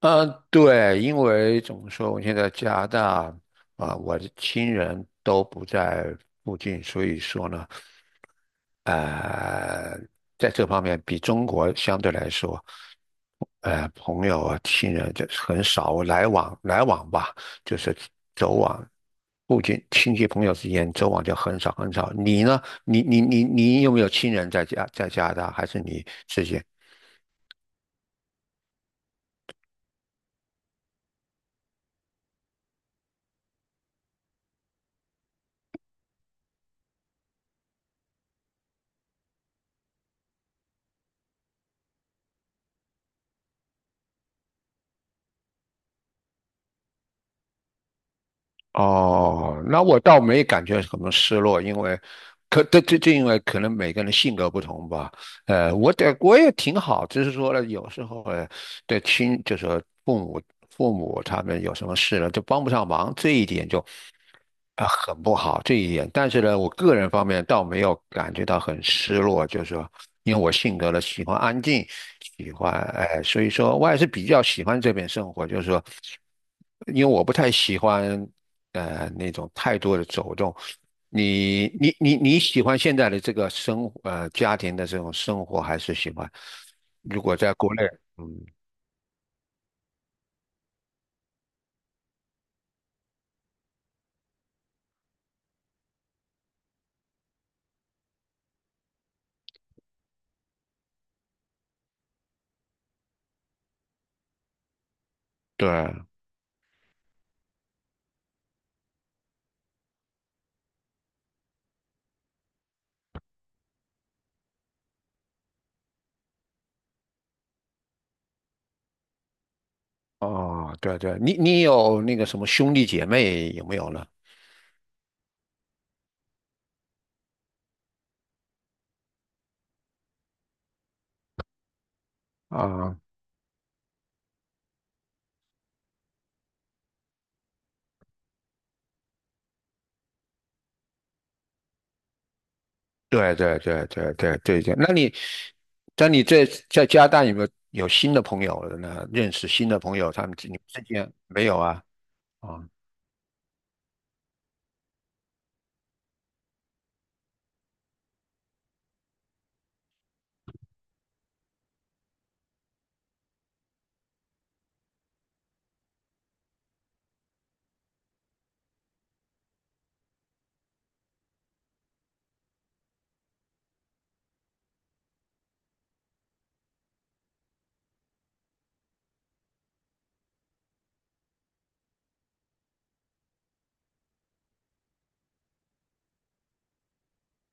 呃，对，因为怎么说，我现在加拿大我的亲人都不在附近，所以说呢，呃，在这方面比中国相对来说，朋友啊、亲人就是很少来往吧，就是走往附近亲戚朋友之间走往就很少很少。你呢？你有没有亲人在加拿大，还是你自己？哦，那我倒没感觉什么失落，因为可这这这因为可能每个人的性格不同吧。我也挺好，只是说呢，有时候对亲就是父母父母他们有什么事了，就帮不上忙，这一点就很不好这一点。但是呢，我个人方面倒没有感觉到很失落，就是说，因为我性格呢喜欢安静，喜欢所以说我还是比较喜欢这边生活，就是说。因为我不太喜欢那种太多的走动。你喜欢现在的这个生活家庭的这种生活，还是喜欢？如果在国内，嗯，对，哦，对对，你你有那个什么兄弟姐妹有没有呢？啊，对对对，那你在你在在加拿大有没有新的朋友呢？认识新的朋友，他们你们之间没有啊？啊，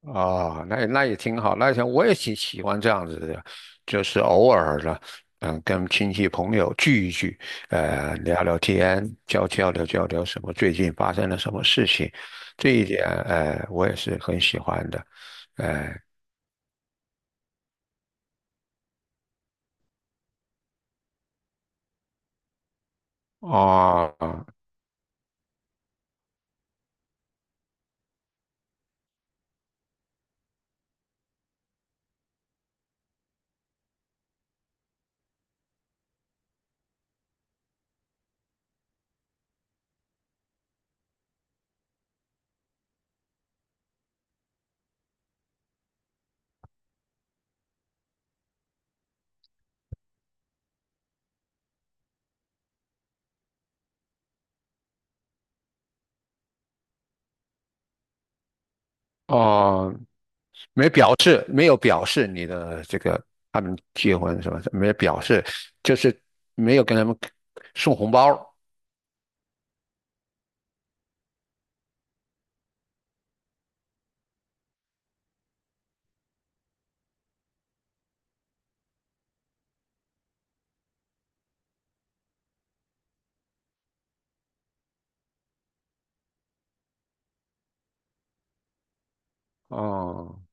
哦，那也那也挺好，那也挺，我也挺喜欢这样子的，就是偶尔的，嗯，跟亲戚朋友聚一聚，聊聊天，交流交流什么最近发生了什么事情，这一点，我也是很喜欢的，哎、哦哦，没表示，没有表示你的这个他们结婚什么没表示，就是没有跟他们送红包，哦。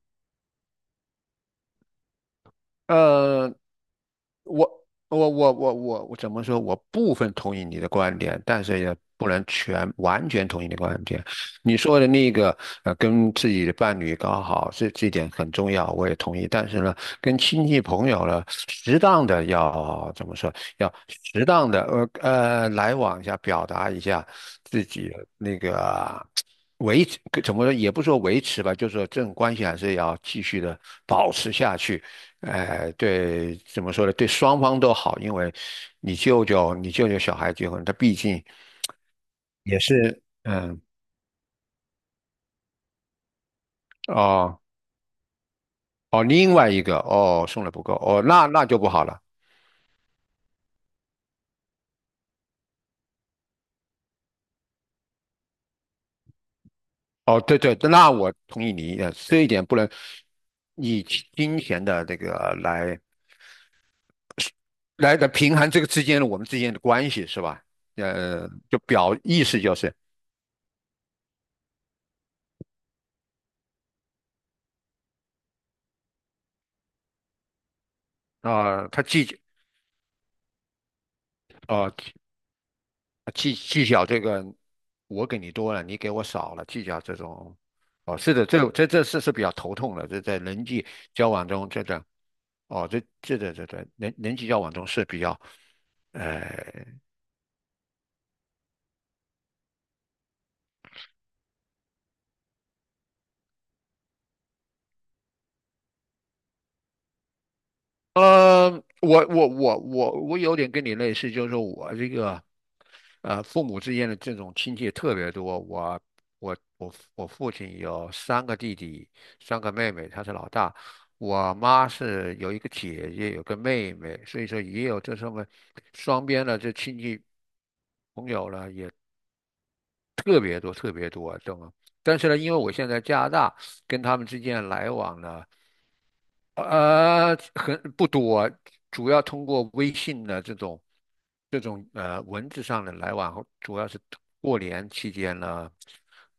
呃，我我我怎么说？我部分同意你的观点，但是也不能完全同意你的观点。你说的那个跟自己的伴侣搞好，这点很重要，我也同意。但是呢，跟亲戚朋友呢，适当的要怎么说？要适当的来往一下，表达一下自己。维持，怎么说也不说维持吧，就是说这种关系还是要继续的保持下去。对，怎么说呢？对双方都好，因为你舅舅，你舅舅小孩结婚，他毕竟也是，嗯，哦哦，另外一个哦送的不够，哦那那就不好了。哦，对对，那我同意你的这一点，不能以金钱的这个来平衡这个之间的我们之间的关系是吧？就表意思就是。他既哦，计较这个我给你多了，你给我少了，计较这种，哦，是的，这事是比较头痛的，这在人际交往中，这个哦，这人际交往中是比较呃呃，我有点跟你类似，就是说我这个，父母之间的这种亲戚特别多。我我父亲有三个弟弟，三个妹妹，他是老大。我妈是有一个姐姐，有个妹妹，所以说也有这上面双边的这亲戚朋友呢，也特别多，特别多，懂吗？但是呢，因为我现在加拿大，跟他们之间来往呢。很不多，主要通过微信的这种文字上的来往，主要是过年期间呢，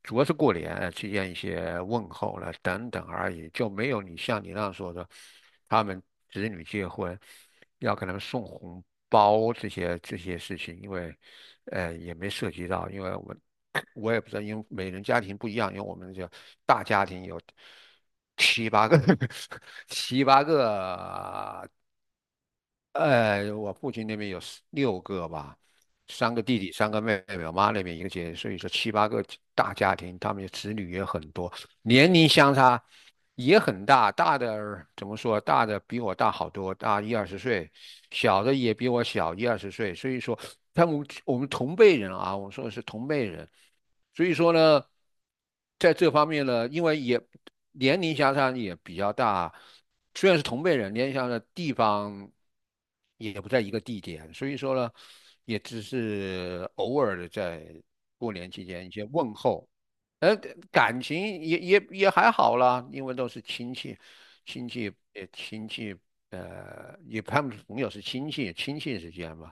主要是过年期间一些问候了等等而已，就没有你像你那样说的，他们子女结婚要给他们送红包这些事情，因为也没涉及到，因为我我也不知道，因为每人家庭不一样，因为我们这大家庭有七八个，七八个，我父亲那边有四六个吧，三个弟弟，三个妹妹，我妈那边一个姐姐，所以说七八个大家庭，他们的子女也很多，年龄相差也很大，大的怎么说？大的比我大好多，大一二十岁，小的也比我小一二十岁。所以说，他们我们同辈人啊，我说的是同辈人。所以说呢，在这方面呢，因为也年龄相差也比较大，虽然是同辈人，年龄相差的地方也不在一个地点，所以说呢，也只是偶尔的在过年期间一些问候。呃，感情也还好啦，因为都是亲戚，亲戚亲戚，也他们朋友是亲戚，亲戚之间嘛，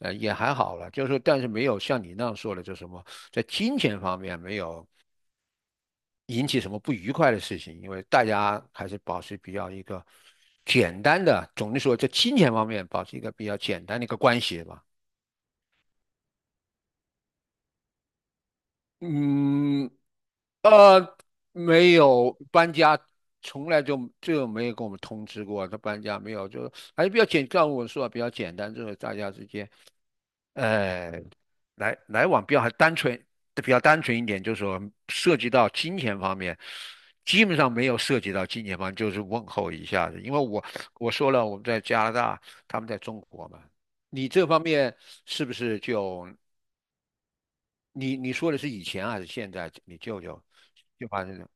也还好了。就是说，但是没有像你那样说的，就什么在金钱方面没有引起什么不愉快的事情，因为大家还是保持比较一个简单的，总的说，在金钱方面保持一个比较简单的一个关系吧。嗯，呃，没有搬家，从来就没有跟我们通知过他搬家，没有，就还是比较简，照我说的比较简单，就是大家之间，呃，来往比较还单纯，比较单纯一点，就是说涉及到金钱方面，基本上没有涉及到金钱方面就是问候一下子，因为我我说了，我们在加拿大，他们在中国嘛，你这方面是不是就？你你说的是以前还是现在？你舅舅就发生的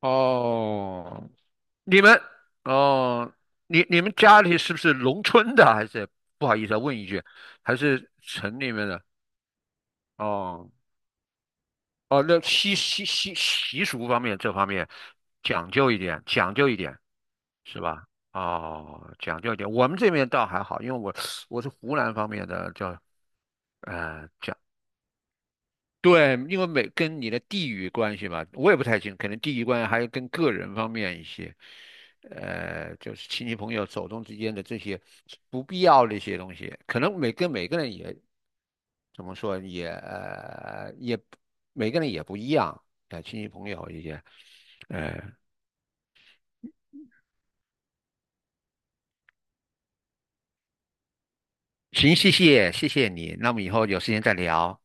哦，你们哦，你们家里是不是农村的？还是不好意思啊，问一句，还是城里面的？哦哦，那习俗方面这方面讲究一点，讲究一点是吧？哦，讲究一点。我们这边倒还好，因为我我是湖南方面的，叫讲。对，因为每跟你的地域关系嘛，我也不太清，可能地域关系还有跟个人方面一些，就是亲戚朋友手中之间的这些不必要的一些东西，可能每跟每个人也怎么说也呃也每个人也不一样，亲戚朋友一些，呃，行，谢谢你，那么以后有时间再聊。